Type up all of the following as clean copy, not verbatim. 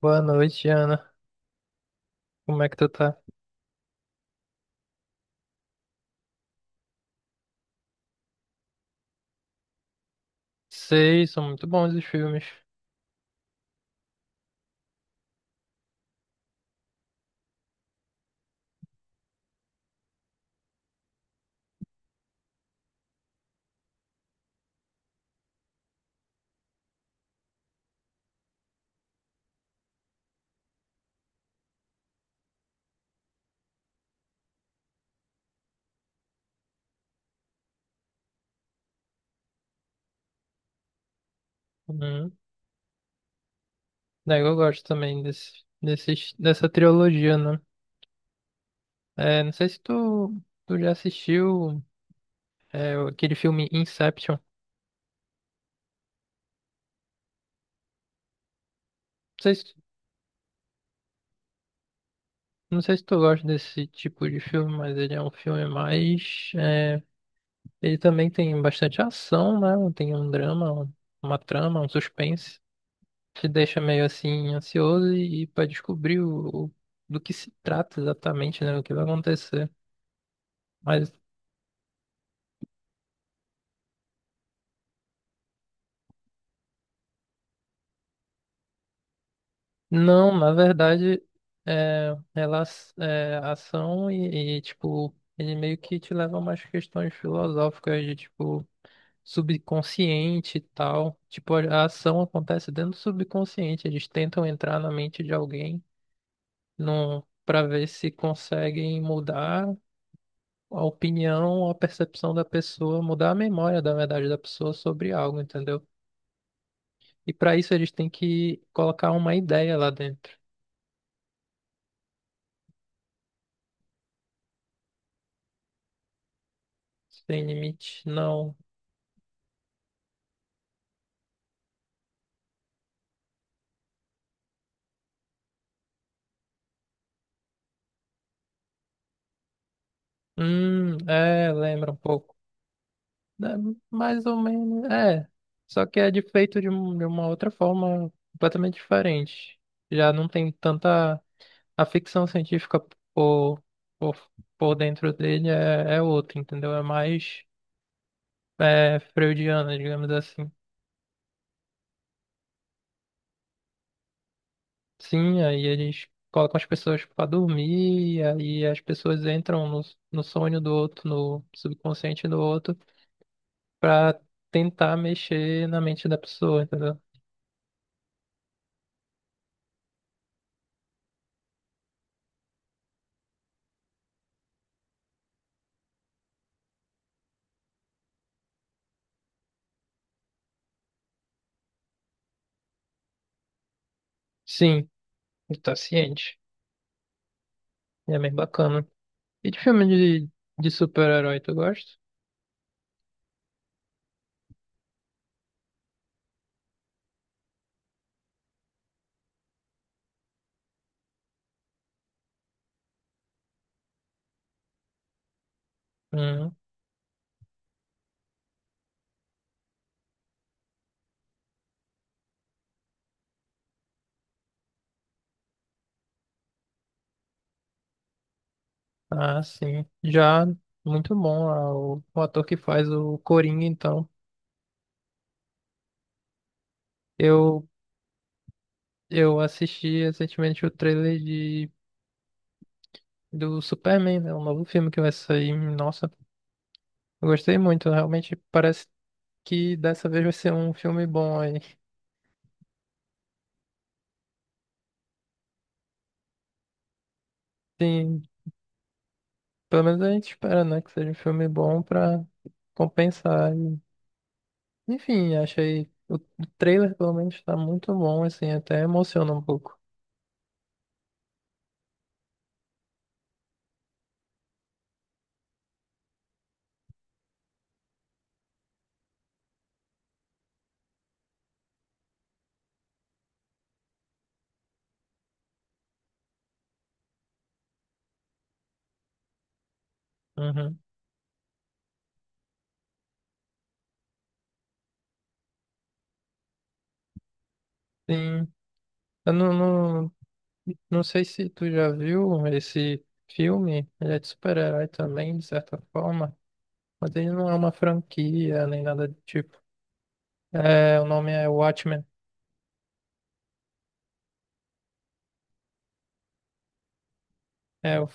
Boa noite, Ana. Como é que tu tá? Sei, são muito bons os filmes. Uhum. Daí eu gosto também dessa trilogia, né? É, não sei se tu, Tu já assistiu aquele filme Inception. Não sei se, não sei se tu gosta desse tipo de filme, mas ele é um filme mais. Ele também tem bastante ação, né? Tem um drama, uma trama, um suspense. Te deixa meio assim ansioso e para descobrir do que se trata exatamente, né? O que vai acontecer. Mas não, na verdade, ação tipo, ele meio que te leva a umas questões filosóficas de, tipo, subconsciente e tal. Tipo, a ação acontece dentro do subconsciente. Eles tentam entrar na mente de alguém para ver se conseguem mudar a opinião, a percepção da pessoa, mudar a memória, da verdade, da pessoa sobre algo, entendeu? E para isso eles têm que colocar uma ideia lá dentro. Sem limite, não. É, lembra um pouco. É, mais ou menos, é. Só que é de feito de uma outra forma completamente diferente. Já não tem tanta. A ficção científica por, por, por dentro dele é outra, entendeu? É mais freudiana, digamos assim. Sim, aí eles colocam as pessoas pra dormir, e aí as pessoas entram no sonho do outro, no subconsciente do outro, pra tentar mexer na mente da pessoa, entendeu? Sim, ele tá ciente. Ele é bem bacana. E de filme de, de super-herói, tu gosta? Hum, ah, sim. Já muito bom, ah, o ator que faz o Coringa, então. Eu, eu assisti recentemente o trailer de, do Superman, né? O novo filme que vai sair. Nossa, eu gostei muito. Realmente parece que dessa vez vai ser um filme bom aí. Sim, pelo menos a gente espera, né? Que seja um filme bom pra compensar. Enfim, achei. O trailer, pelo menos, tá muito bom, assim, até emociona um pouco. Uhum. Sim. Eu não, não, Não sei se tu já viu esse filme. Ele é de super-herói também, de certa forma. Mas ele não é uma franquia, nem nada do tipo. É, o nome é Watchmen. É, o-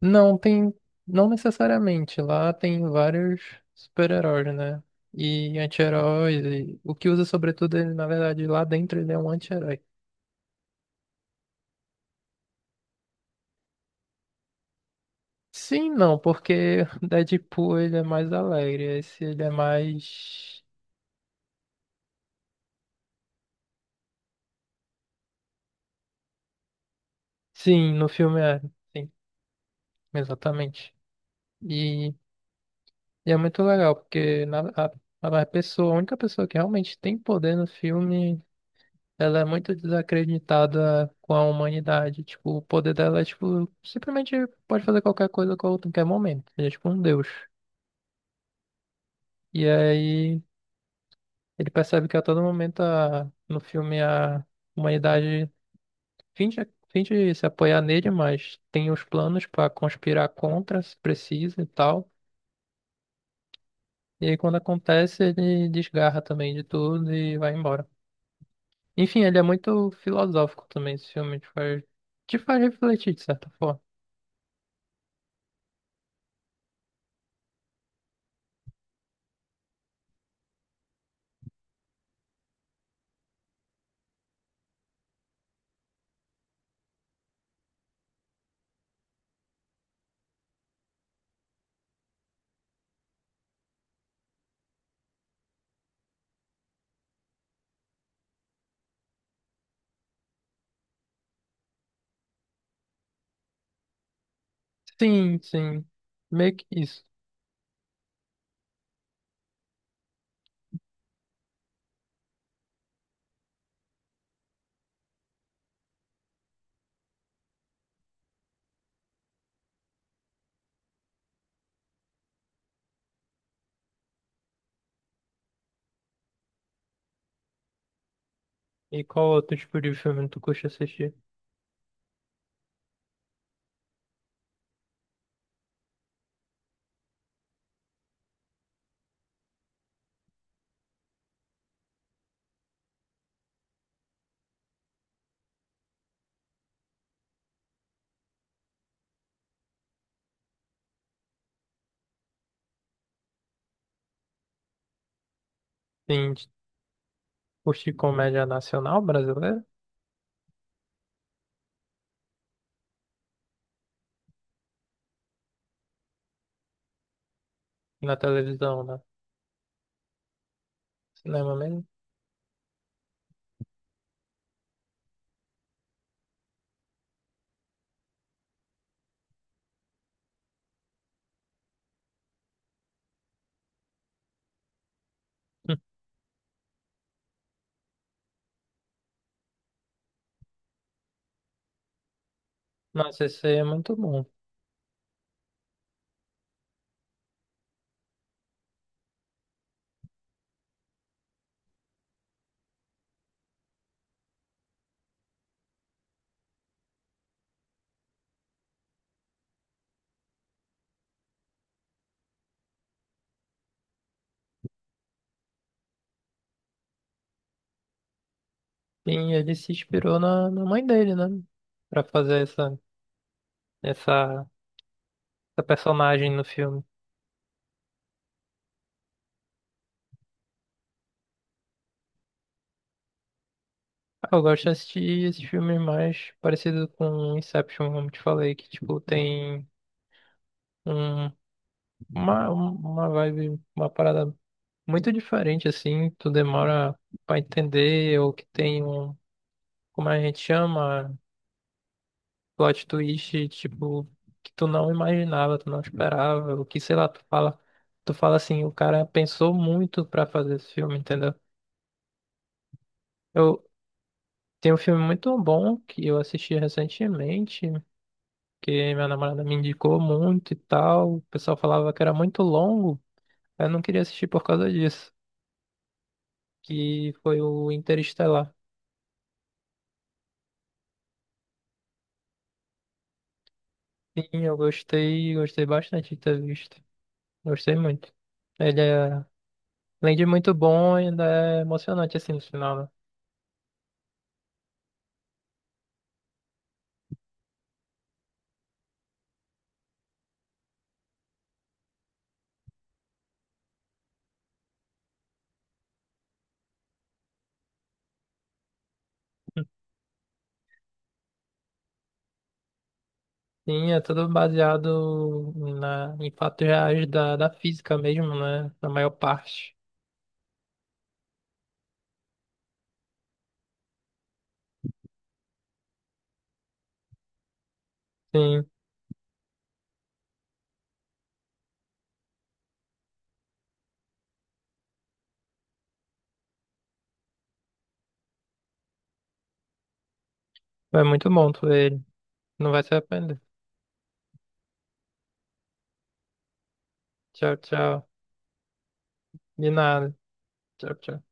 não, tem. Não necessariamente. Lá tem vários super-heróis, né? E anti-heróis. E... O que usa, sobretudo, ele, na verdade, lá dentro ele é um anti-herói. Sim, não, porque Deadpool ele é mais alegre, esse ele é mais. Sim, no filme é, sim, exatamente. E, e é muito legal, porque a pessoa, a única pessoa que realmente tem poder no filme, ela é muito desacreditada com a humanidade. Tipo, o poder dela é tipo, simplesmente pode fazer qualquer coisa a qualquer momento. Ele é tipo um deus. E aí ele percebe que a todo momento no filme a humanidade. Finge, Finge se apoiar nele, mas tem os planos para conspirar contra, se precisa e tal. E aí, quando acontece, ele desgarra também de tudo e vai embora. Enfim, ele é muito filosófico também, esse filme. Te faz refletir, de certa forma. Sim, sim. Meio que isso. E qual outro tipo de filme tu curte assistir? Sim, curte comédia nacional brasileira? Na televisão, né? Cinema mesmo? Hum. Nossa, esse aí é muito bom. Sim, ele se inspirou na, na mãe dele, né? Pra fazer essa, essa personagem no filme. Ah, eu gosto de assistir esses filmes mais parecidos com Inception, como te falei, que tipo tem um, uma vibe, uma parada muito diferente, assim, tu demora pra entender, ou que tem um, como a gente chama? Plot twist, tipo, que tu não imaginava, tu não esperava, o que, sei lá, tu fala assim, o cara pensou muito pra fazer esse filme, entendeu? Eu Tem um filme muito bom que eu assisti recentemente, que minha namorada me indicou muito e tal, o pessoal falava que era muito longo, eu não queria assistir por causa disso, que foi o Interestelar. Sim, eu gostei, gostei bastante de ter visto. Gostei muito. Ele é, além de muito bom, ainda é emocionante assim no final, né? Sim, é tudo baseado na, em fatos reais da, da física mesmo, né? Na maior parte. Sim, é muito bom tu ver ele. Não vai se arrepender. Tchau, tchau. De nada. Tchau, tchau.